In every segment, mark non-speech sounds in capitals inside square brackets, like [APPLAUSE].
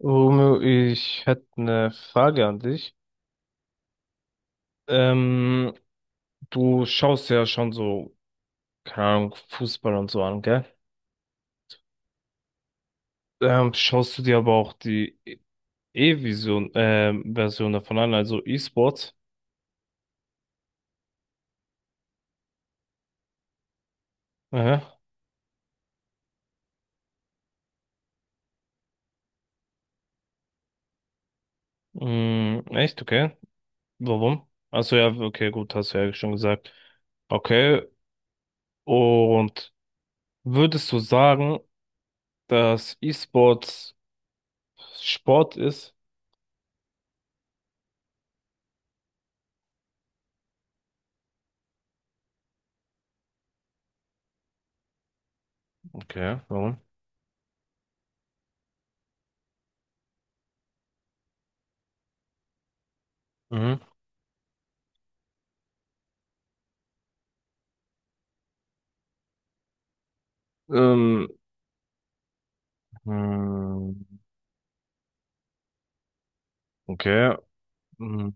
Romeo, ich hätte eine Frage an dich. Ähm, Du schaust ja schon so, keine Ahnung, Fußball und so an, gell? Schaust du dir aber auch die E-Vision, Version davon an, also E-Sports? Aha. Mm, echt? Okay. Warum? Achso, ja, okay, gut, hast du ja schon gesagt. Okay. Und würdest du sagen, dass E-Sports Sport ist? Okay, warum? Mhm. Ähm, hm, okay. Mhm.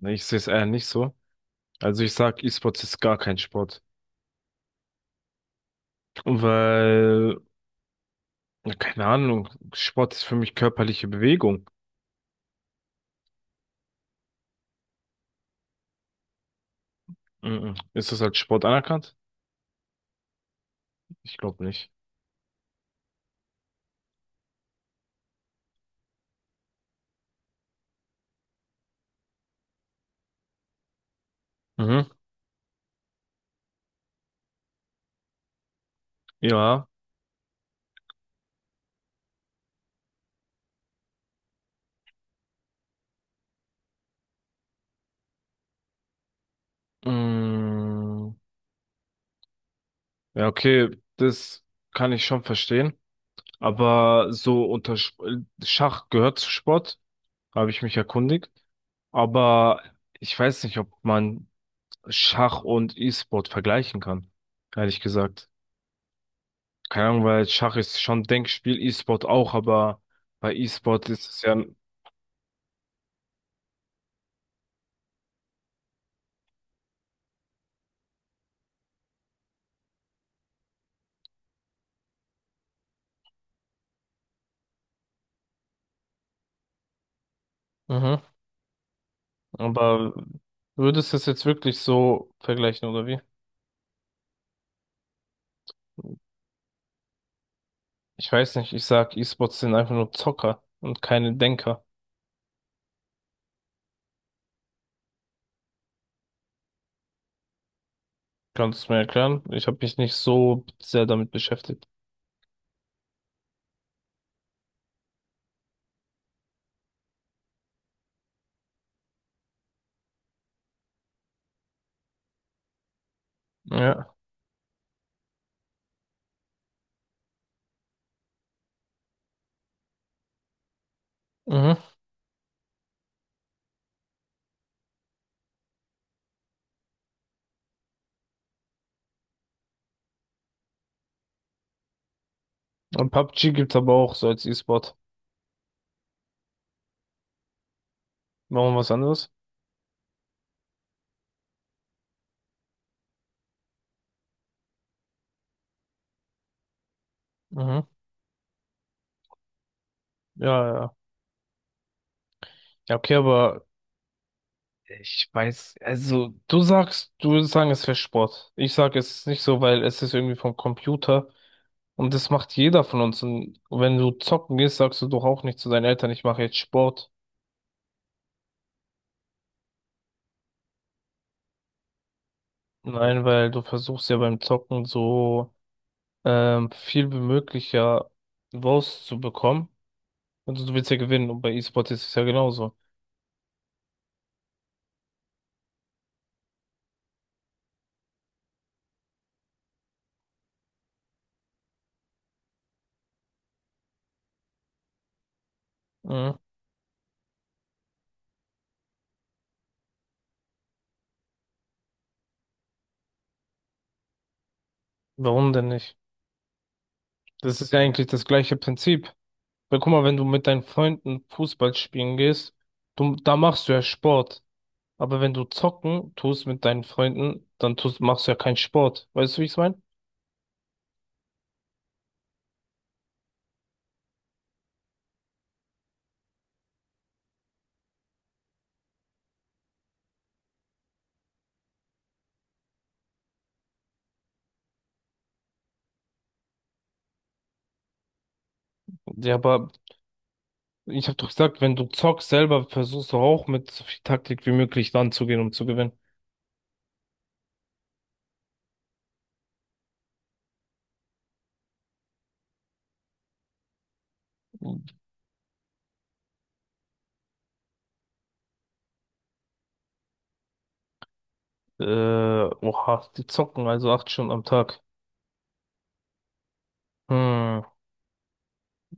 Nee, ich sehe es eher nicht so. Also ich sag, E-Sports ist gar kein Sport. Weil, ja, keine Ahnung, Sport ist für mich körperliche Bewegung. Mhm. Ist das als Sport anerkannt? Ich glaube nicht. Mhm. Ja. Mhm. Ja, okay, das kann ich schon verstehen. Aber so unter Schach gehört zu Sport, habe ich mich erkundigt. Aber ich weiß nicht, ob man Schach und E-Sport vergleichen kann, ehrlich gesagt. Keine Ahnung, weil Schach ist schon Denkspiel, E-Sport auch, aber bei E-Sport ist es ja, mhm, aber würdest du es jetzt wirklich so vergleichen oder wie? Ich weiß nicht, ich sag, E-Sports sind einfach nur Zocker und keine Denker. Kannst du mir erklären? Ich habe mich nicht so sehr damit beschäftigt. Ja. Mhm. Und PUBG gibt's aber auch so als E-Sport. Machen wir was anderes? Mhm. Ja, ja. Ja, okay, aber ich weiß, also du sagst, du würdest sagen, es wäre Sport. Ich sage, es ist nicht so, weil es ist irgendwie vom Computer und das macht jeder von uns. Und wenn du zocken gehst, sagst du doch auch nicht zu deinen Eltern, ich mache jetzt Sport. Nein, weil du versuchst ja beim Zocken so viel wie möglich ja rauszubekommen. Also du willst ja gewinnen und bei E-Sport ist es ja genauso. Mhm. Warum denn nicht? Das ist ja eigentlich das gleiche Prinzip. Weil guck mal, wenn du mit deinen Freunden Fußball spielen gehst, du, da machst du ja Sport. Aber wenn du zocken tust mit deinen Freunden, dann tust, machst du ja keinen Sport. Weißt du, wie ich es meine? Ja, aber ich habe doch gesagt, wenn du zockst selber, versuchst du auch mit so viel Taktik wie möglich ranzugehen, um zu gewinnen. Oha, die zocken also 8 Stunden am Tag. Hm,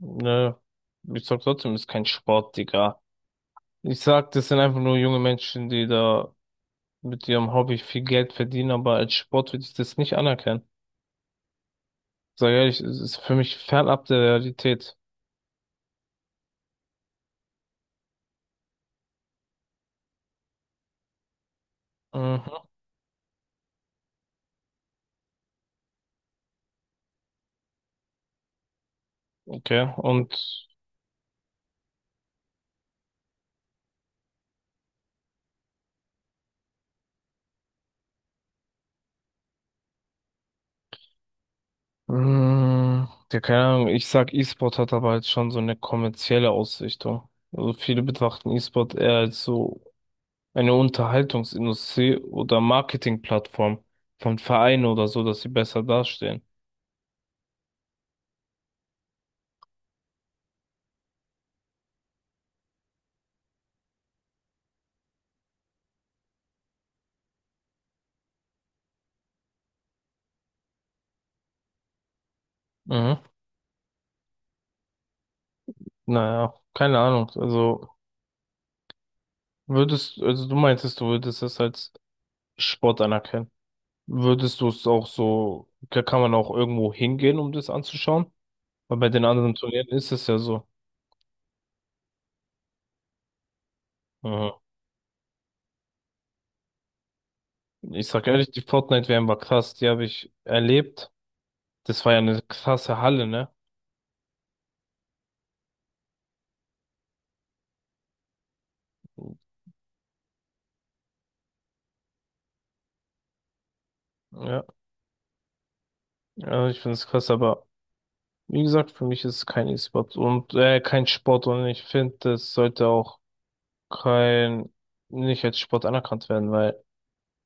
ne. Ich sag trotzdem, ist kein Sport, Digga. Ich sag, das sind einfach nur junge Menschen, die da mit ihrem Hobby viel Geld verdienen, aber als Sport würde ich das nicht anerkennen. Sag ehrlich, es ist für mich fernab der Realität. Mhm. Okay, und ja, keine Ahnung, ich sag, E-Sport hat aber jetzt schon so eine kommerzielle Ausrichtung. Also viele betrachten E-Sport eher als so eine Unterhaltungsindustrie oder Marketingplattform von Vereinen oder so, dass sie besser dastehen. Mhm. Naja, keine Ahnung. Also würdest, also du meintest, du würdest es als Sport anerkennen. Würdest du es auch so, da kann man auch irgendwo hingehen, um das anzuschauen? Weil bei den anderen Turnieren ist es ja so. Mhm. Ich sag ehrlich, die Fortnite-WM war krass, die habe ich erlebt. Das war ja eine krasse Halle, ne? Ja, ja, ich finde es krass, aber wie gesagt, für mich ist es kein E-Sport und kein Sport und ich finde, das sollte auch kein, nicht als Sport anerkannt werden, weil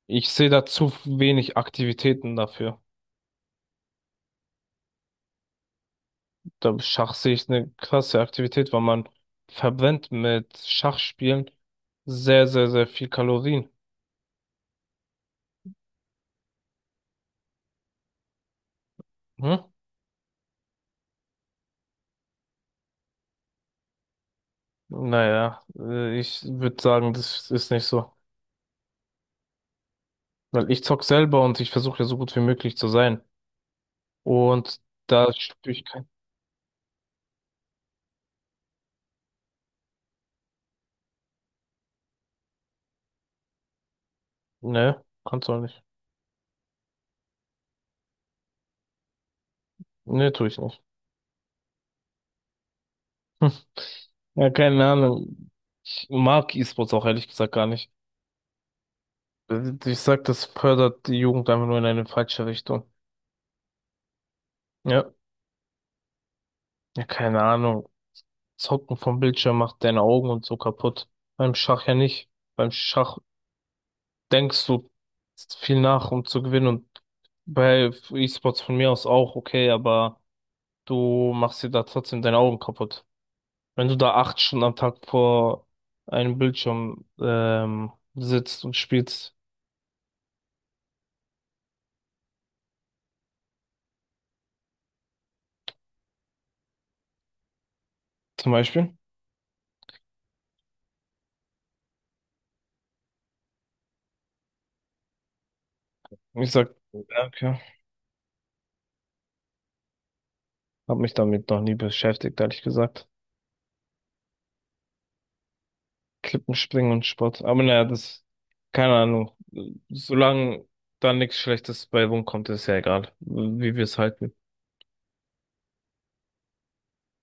ich sehe da zu wenig Aktivitäten dafür. Da Schach sehe ich eine krasse Aktivität, weil man verbrennt mit Schachspielen sehr, sehr, sehr viel Kalorien. Hm? Naja, ich würde sagen, das ist nicht so. Weil ich zock selber und ich versuche ja so gut wie möglich zu sein. Und da spüre ich kein. Ne, kannst du auch nicht. Ne, tue ich nicht. [LAUGHS] Ja, keine Ahnung. Ich mag E-Sports auch ehrlich gesagt gar nicht. Ich sag, das fördert die Jugend einfach nur in eine falsche Richtung. Ja, ja, keine Ahnung. Zocken vom Bildschirm macht deine Augen und so kaputt. Beim Schach ja nicht. Beim Schach denkst du viel nach, um zu gewinnen und bei E-Sports von mir aus auch okay, aber du machst dir da trotzdem deine Augen kaputt. Wenn du da 8 Stunden am Tag vor einem Bildschirm sitzt und spielst, zum Beispiel. Ich sag, danke, hab mich damit noch nie beschäftigt, ehrlich gesagt. Klippenspringen und Sport. Aber naja, das, keine Ahnung. Solange da nichts Schlechtes bei rumkommt, ist ja egal, wie wir es halten.